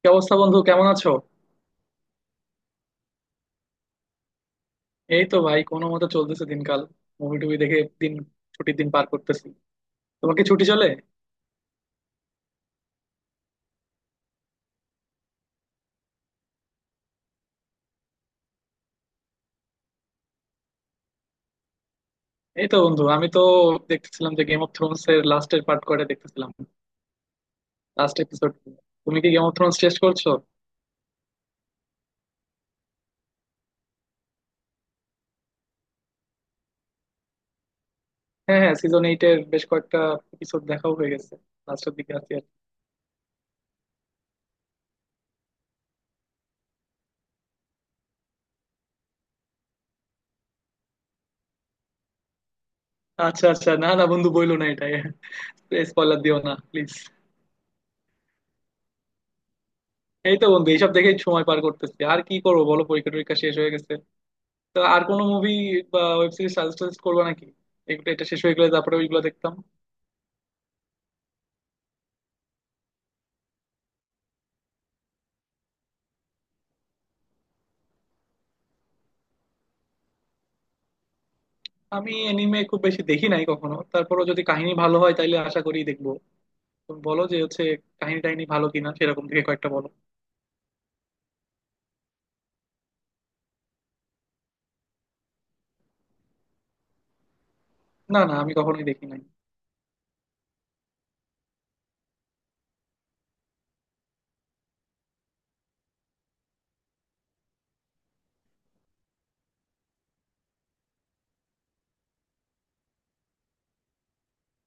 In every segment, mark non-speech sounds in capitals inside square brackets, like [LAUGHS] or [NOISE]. কি অবস্থা বন্ধু, কেমন আছো? এই তো ভাই, কোনো মতে চলতেছে দিনকাল। মুভি টুভি দেখে দিন, ছুটির দিন পার করতেছি। তোমার কি ছুটি চলে? এই তো বন্ধু, আমি তো দেখতেছিলাম যে গেম অফ থ্রোনস এর লাস্টের পার্ট কয়টা দেখতেছিলাম। Last episode. তুমি কি গেম অফ থ্রোনস টেস্ট করছো? হ্যাঁ হ্যাঁ, সিজন এইট এর বেশ কয়েকটা এপিসোড দেখাও হয়ে গেছে। লাস্টের দিকে আছি আর কি। আচ্ছা আচ্ছা, না না বন্ধু, বইলো না এটা। স্পয়লার দিও না প্লিজ। এই তো বন্ধু, এইসব দেখেই সময় পার করতেছি, আর কি করবো বলো, পরীক্ষা টরীক্ষা শেষ হয়ে গেছে। তো আর কোনো মুভি বা ওয়েব সিরিজ সাজেস্ট করবা নাকি? এগুলো এটা শেষ হয়ে গেলে তারপরে ওইগুলো দেখতাম। আমি এনিমে খুব বেশি দেখি নাই কখনো, তারপরও যদি কাহিনী ভালো হয় তাইলে আশা করি দেখবো। তুমি বলো যে হচ্ছে কাহিনী টাহিনী ভালো কিনা, সেরকম থেকে কয়েকটা বলো। না না, আমি কখনোই দেখি নাই।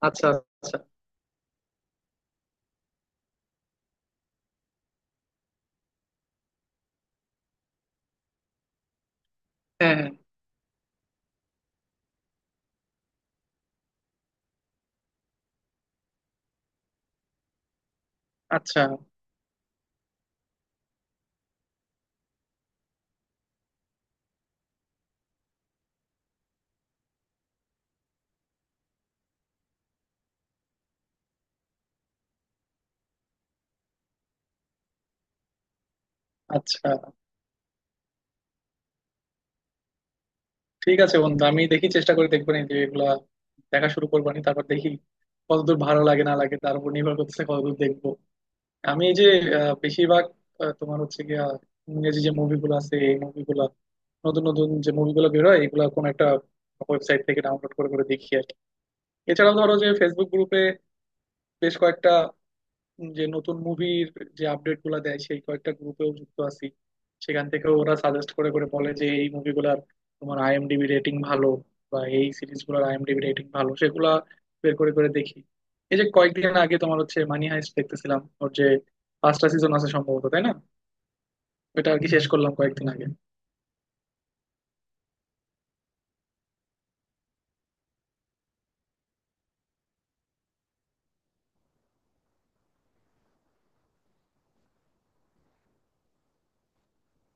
আচ্ছা আচ্ছা। হ্যাঁ হ্যাঁ। আচ্ছা আচ্ছা। ঠিক আছে বন্ধু, আমি দেখি, চেষ্টা করে দেখবো নি যে এগুলা দেখা শুরু করবো নি, তারপর দেখি কতদূর ভালো লাগে না লাগে তার উপর নির্ভর করতেছে কতদূর দেখবো। আমি এই যে বেশিরভাগ তোমার হচ্ছে গিয়া ইংরেজি যে মুভিগুলো আছে এই মুভিগুলা, নতুন নতুন যে মুভিগুলো বেরোয় এগুলা কোন একটা ওয়েবসাইট থেকে ডাউনলোড করে করে দেখি আর কি। এছাড়াও ধরো যে ফেসবুক গ্রুপে বেশ কয়েকটা, যে নতুন মুভির যে আপডেট গুলা দেয় সেই কয়েকটা গ্রুপেও যুক্ত আছি। সেখান থেকে ওরা সাজেস্ট করে করে বলে যে এই মুভিগুলার তোমার আইএমডিবি রেটিং ভালো বা এই সিরিজ গুলার আইএমডিবি রেটিং ভালো, সেগুলা বের করে করে দেখি। এই যে কয়েকদিন আগে তোমার হচ্ছে মানি হাইস্ট দেখতেছিলাম, ওর যে পাঁচটা সিজন আছে সম্ভবত, তাই না? এটা আর কি শেষ করলাম কয়েকদিন আগে।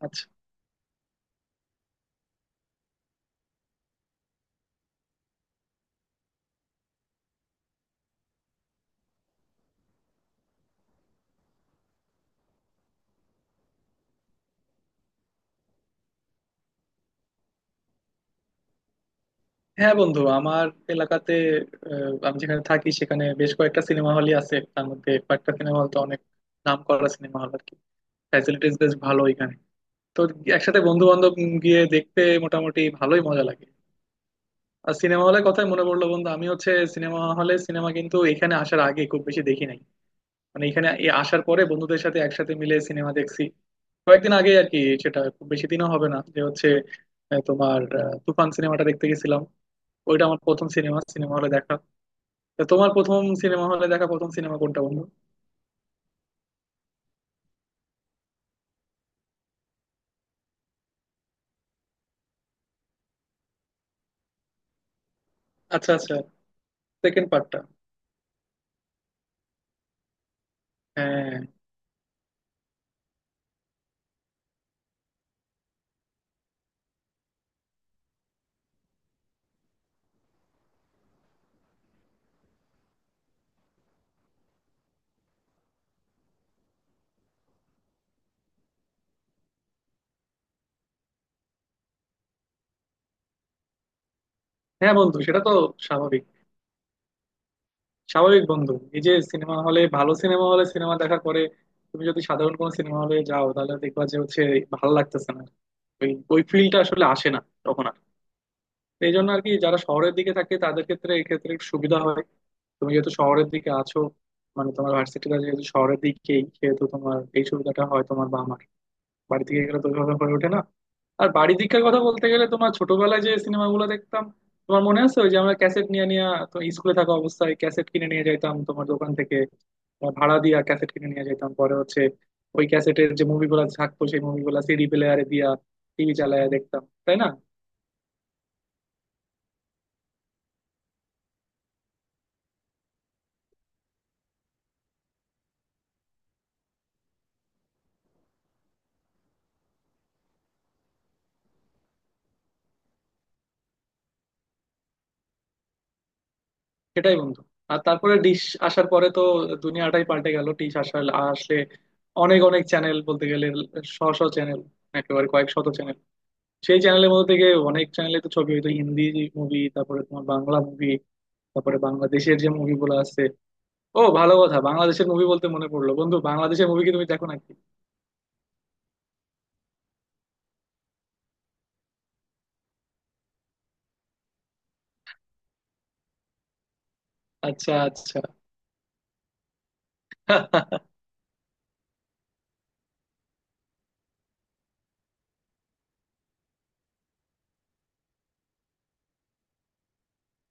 আচ্ছা। হ্যাঁ বন্ধু, আমার এলাকাতে, আমি যেখানে থাকি সেখানে বেশ কয়েকটা সিনেমা হলই আছে, তার মধ্যে কয়েকটা সিনেমা হল তো অনেক নাম করা সিনেমা হল আর কি। ফ্যাসিলিটিস বেশ ভালো এখানে। তো একসাথে বন্ধু বান্ধব গিয়ে দেখতে মোটামুটি ভালোই মজা লাগে। আর সিনেমা হলের কথাই মনে পড়লো বন্ধু, আমি হচ্ছে সিনেমা হলে সিনেমা কিন্তু এখানে আসার আগে খুব বেশি দেখি নাই। মানে এখানে এ আসার পরে বন্ধুদের সাথে একসাথে মিলে সিনেমা দেখছি কয়েকদিন আগে আর কি। সেটা খুব বেশি দিনও হবে না, যে হচ্ছে তোমার তুফান সিনেমাটা দেখতে গেছিলাম। ওইটা আমার প্রথম সিনেমা, সিনেমা হলে দেখা। তো তোমার প্রথম সিনেমা হলে দেখা প্রথম সিনেমা কোনটা বন্ধু? আচ্ছা আচ্ছা। সেকেন্ড পার্টটা। হ্যাঁ হ্যাঁ বন্ধু, সেটা তো স্বাভাবিক। স্বাভাবিক বন্ধু, এই যে সিনেমা হলে, ভালো সিনেমা হলে সিনেমা দেখার পরে তুমি যদি সাধারণ কোনো সিনেমা হলে যাও তাহলে দেখবা যে হচ্ছে ভালো লাগতেছে না, ওই ওই ফিলটা আসলে আসে না তখন আর। তো এই জন্য আর কি, যারা শহরের দিকে থাকে তাদের ক্ষেত্রে এই ক্ষেত্রে একটু সুবিধা হয়। তুমি যেহেতু শহরের দিকে আছো, মানে তোমার ভার্সিটিটা যেহেতু শহরের দিকেই, সেহেতু তোমার এই সুবিধাটা হয়। তোমার বা আমার বাড়ি থেকে গেলে তো ওইভাবে হয়ে ওঠে না। আর বাড়ির দিককার কথা বলতে গেলে, তোমার ছোটবেলায় যে সিনেমাগুলো দেখতাম, তোমার মনে আছে ওই যে আমরা ক্যাসেট নিয়ে নিয়ে, তো স্কুলে থাকা অবস্থায় ক্যাসেট কিনে নিয়ে যাইতাম তোমার দোকান থেকে, তোমার ভাড়া দিয়া ক্যাসেট কিনে নিয়ে যেতাম, পরে হচ্ছে ওই ক্যাসেটের যে মুভিগুলো থাকতো সেই মুভিগুলো সিডি প্লেয়ারে দিয়া টিভি চালায়া দেখতাম, তাই না? সেটাই বন্ধু। আর তারপরে ডিশ আসার পরে তো দুনিয়াটাই পাল্টে গেল, ডিশ আসার আসলে অনেক অনেক চ্যানেল, বলতে গেলে শ শ চ্যানেল, একেবারে কয়েক শত চ্যানেল। সেই চ্যানেলের মধ্যে থেকে অনেক চ্যানেলে তো ছবি হইতো, হিন্দি মুভি, তারপরে তোমার বাংলা মুভি, তারপরে বাংলাদেশের যে মুভিগুলো আছে। ও ভালো কথা, বাংলাদেশের মুভি বলতে মনে পড়লো বন্ধু, বাংলাদেশের মুভি কি তুমি দেখো নাকি? আচ্ছা আচ্ছা। [LAUGHS]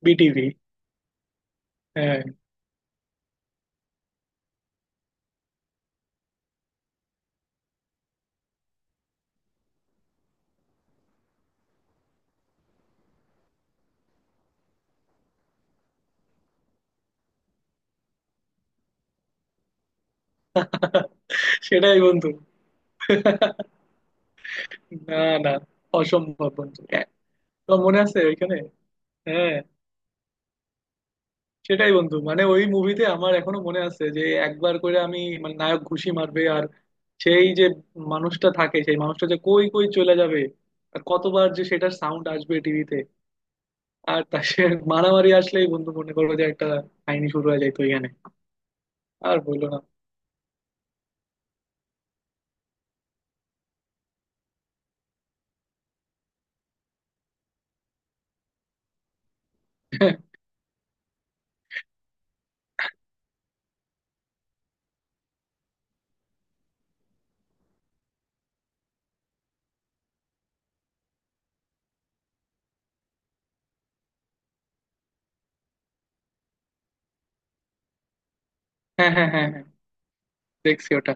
বিটিভি। হ্যাঁ সেটাই বন্ধু। [LAUGHS] না না, অসম্ভব বন্ধু, হ্যাঁ, তোমার মনে আছে ওইখানে? হ্যাঁ সেটাই বন্ধু, মানে ওই মুভিতে আমার এখনো মনে আছে যে একবার করে আমি, মানে নায়ক ঘুষি মারবে, সেই যে মানুষটা থাকে সেই মানুষটা যে কই কই চলে যাবে, আর কতবার যে সেটার সাউন্ড আসবে টিভিতে, আর তার সে মারামারি আসলেই বন্ধু মনে করো যে একটা কাহিনী শুরু হয়ে যায় তো এখানে, আর বললো না। হ্যাঁ হ্যাঁ হ্যাঁ হ্যাঁ, দেখছি ওটা।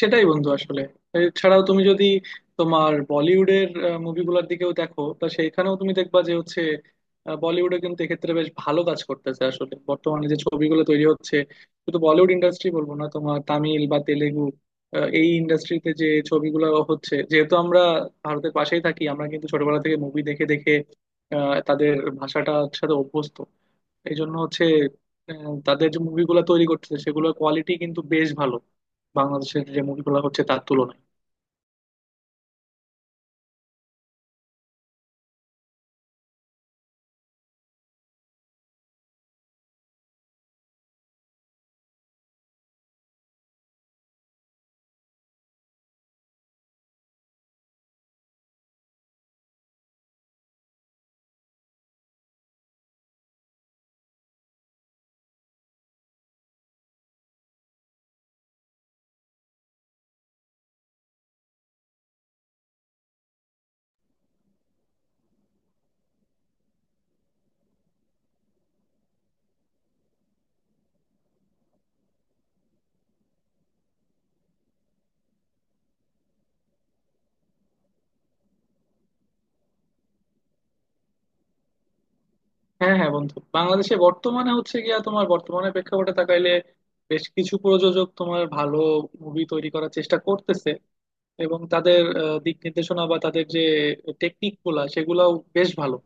সেটাই বন্ধু, আসলে এছাড়াও তুমি যদি তোমার বলিউডের মুভিগুলোর দিকেও দেখো তা সেইখানেও তুমি দেখবা যে হচ্ছে বলিউডে কিন্তু এক্ষেত্রে বেশ ভালো কাজ করতেছে, আসলে বর্তমানে যে ছবিগুলো তৈরি হচ্ছে শুধু বলিউড ইন্ডাস্ট্রি বলবো না, তোমার তামিল বা তেলেগু, এই ইন্ডাস্ট্রিতে যে ছবিগুলো হচ্ছে, যেহেতু আমরা ভারতের পাশেই থাকি আমরা কিন্তু ছোটবেলা থেকে মুভি দেখে দেখে তাদের ভাষাটার সাথে অভ্যস্ত। এই জন্য হচ্ছে তাদের যে মুভিগুলো তৈরি করতেছে সেগুলোর কোয়ালিটি কিন্তু বেশ ভালো বাংলাদেশের যে মুভিগুলো হচ্ছে তার তুলনায়। হ্যাঁ হ্যাঁ বন্ধু, বাংলাদেশে বর্তমানে হচ্ছে গিয়া তোমার বর্তমানে প্রেক্ষাপটে তাকাইলে বেশ কিছু প্রযোজক তোমার ভালো মুভি তৈরি করার চেষ্টা করতেছে, এবং তাদের দিক নির্দেশনা বা তাদের যে টেকনিক গুলা সেগুলাও বেশ ভালো।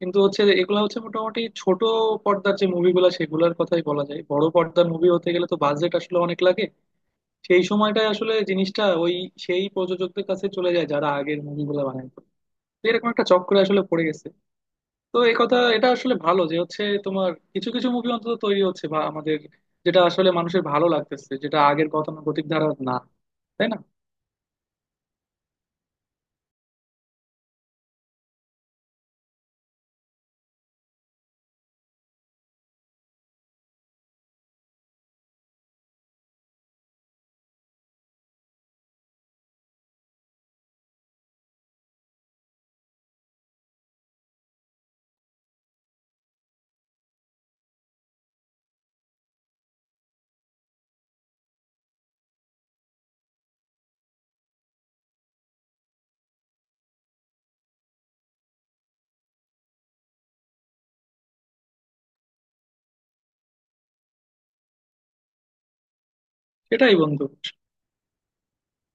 কিন্তু হচ্ছে এগুলা হচ্ছে মোটামুটি ছোট পর্দার যে মুভিগুলা সেগুলোর কথাই বলা যায়, বড় পর্দার মুভি হতে গেলে তো বাজেট আসলে অনেক লাগে, সেই সময়টায় আসলে জিনিসটা ওই সেই প্রযোজকদের কাছে চলে যায় যারা আগের মুভিগুলো বানাইতো। তো এরকম একটা চক্রে আসলে পড়ে গেছে। তো এই কথা, এটা আসলে ভালো যে হচ্ছে তোমার কিছু কিছু মুভি অন্তত তৈরি হচ্ছে বা আমাদের, যেটা আসলে মানুষের ভালো লাগতেছে, যেটা আগের গতানুগতিক ধারা না, তাই না? সেটাই বন্ধু,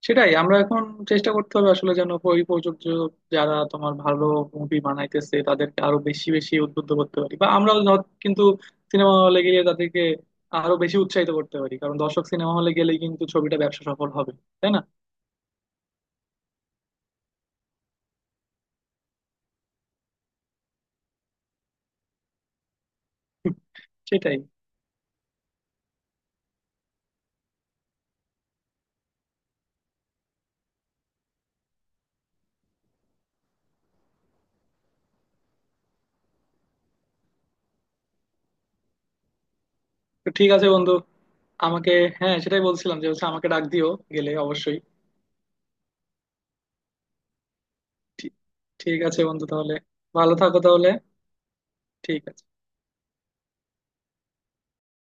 সেটাই আমরা এখন চেষ্টা করতে হবে আসলে, যেন পরিপ্রেক্ষক যারা তোমার ভালো মুভি বানাইতেছে তাদেরকে আরো বেশি বেশি উদ্বুদ্ধ করতে পারি, বা আমরাও ধর কিন্তু সিনেমা হলে গিয়ে তাদেরকে আরো বেশি উৎসাহিত করতে পারি, কারণ দর্শক সিনেমা হলে গেলেই কিন্তু ছবিটা ব্যবসা সফল হবে, তাই না? [LAUGHS] সেটাই। তো ঠিক আছে বন্ধু, আমাকে, হ্যাঁ সেটাই বলছিলাম যে হচ্ছে আমাকে ডাক দিও গেলে অবশ্যই। ঠিক, ঠিক আছে বন্ধু, তাহলে ভালো থাকো তাহলে। ঠিক আছে।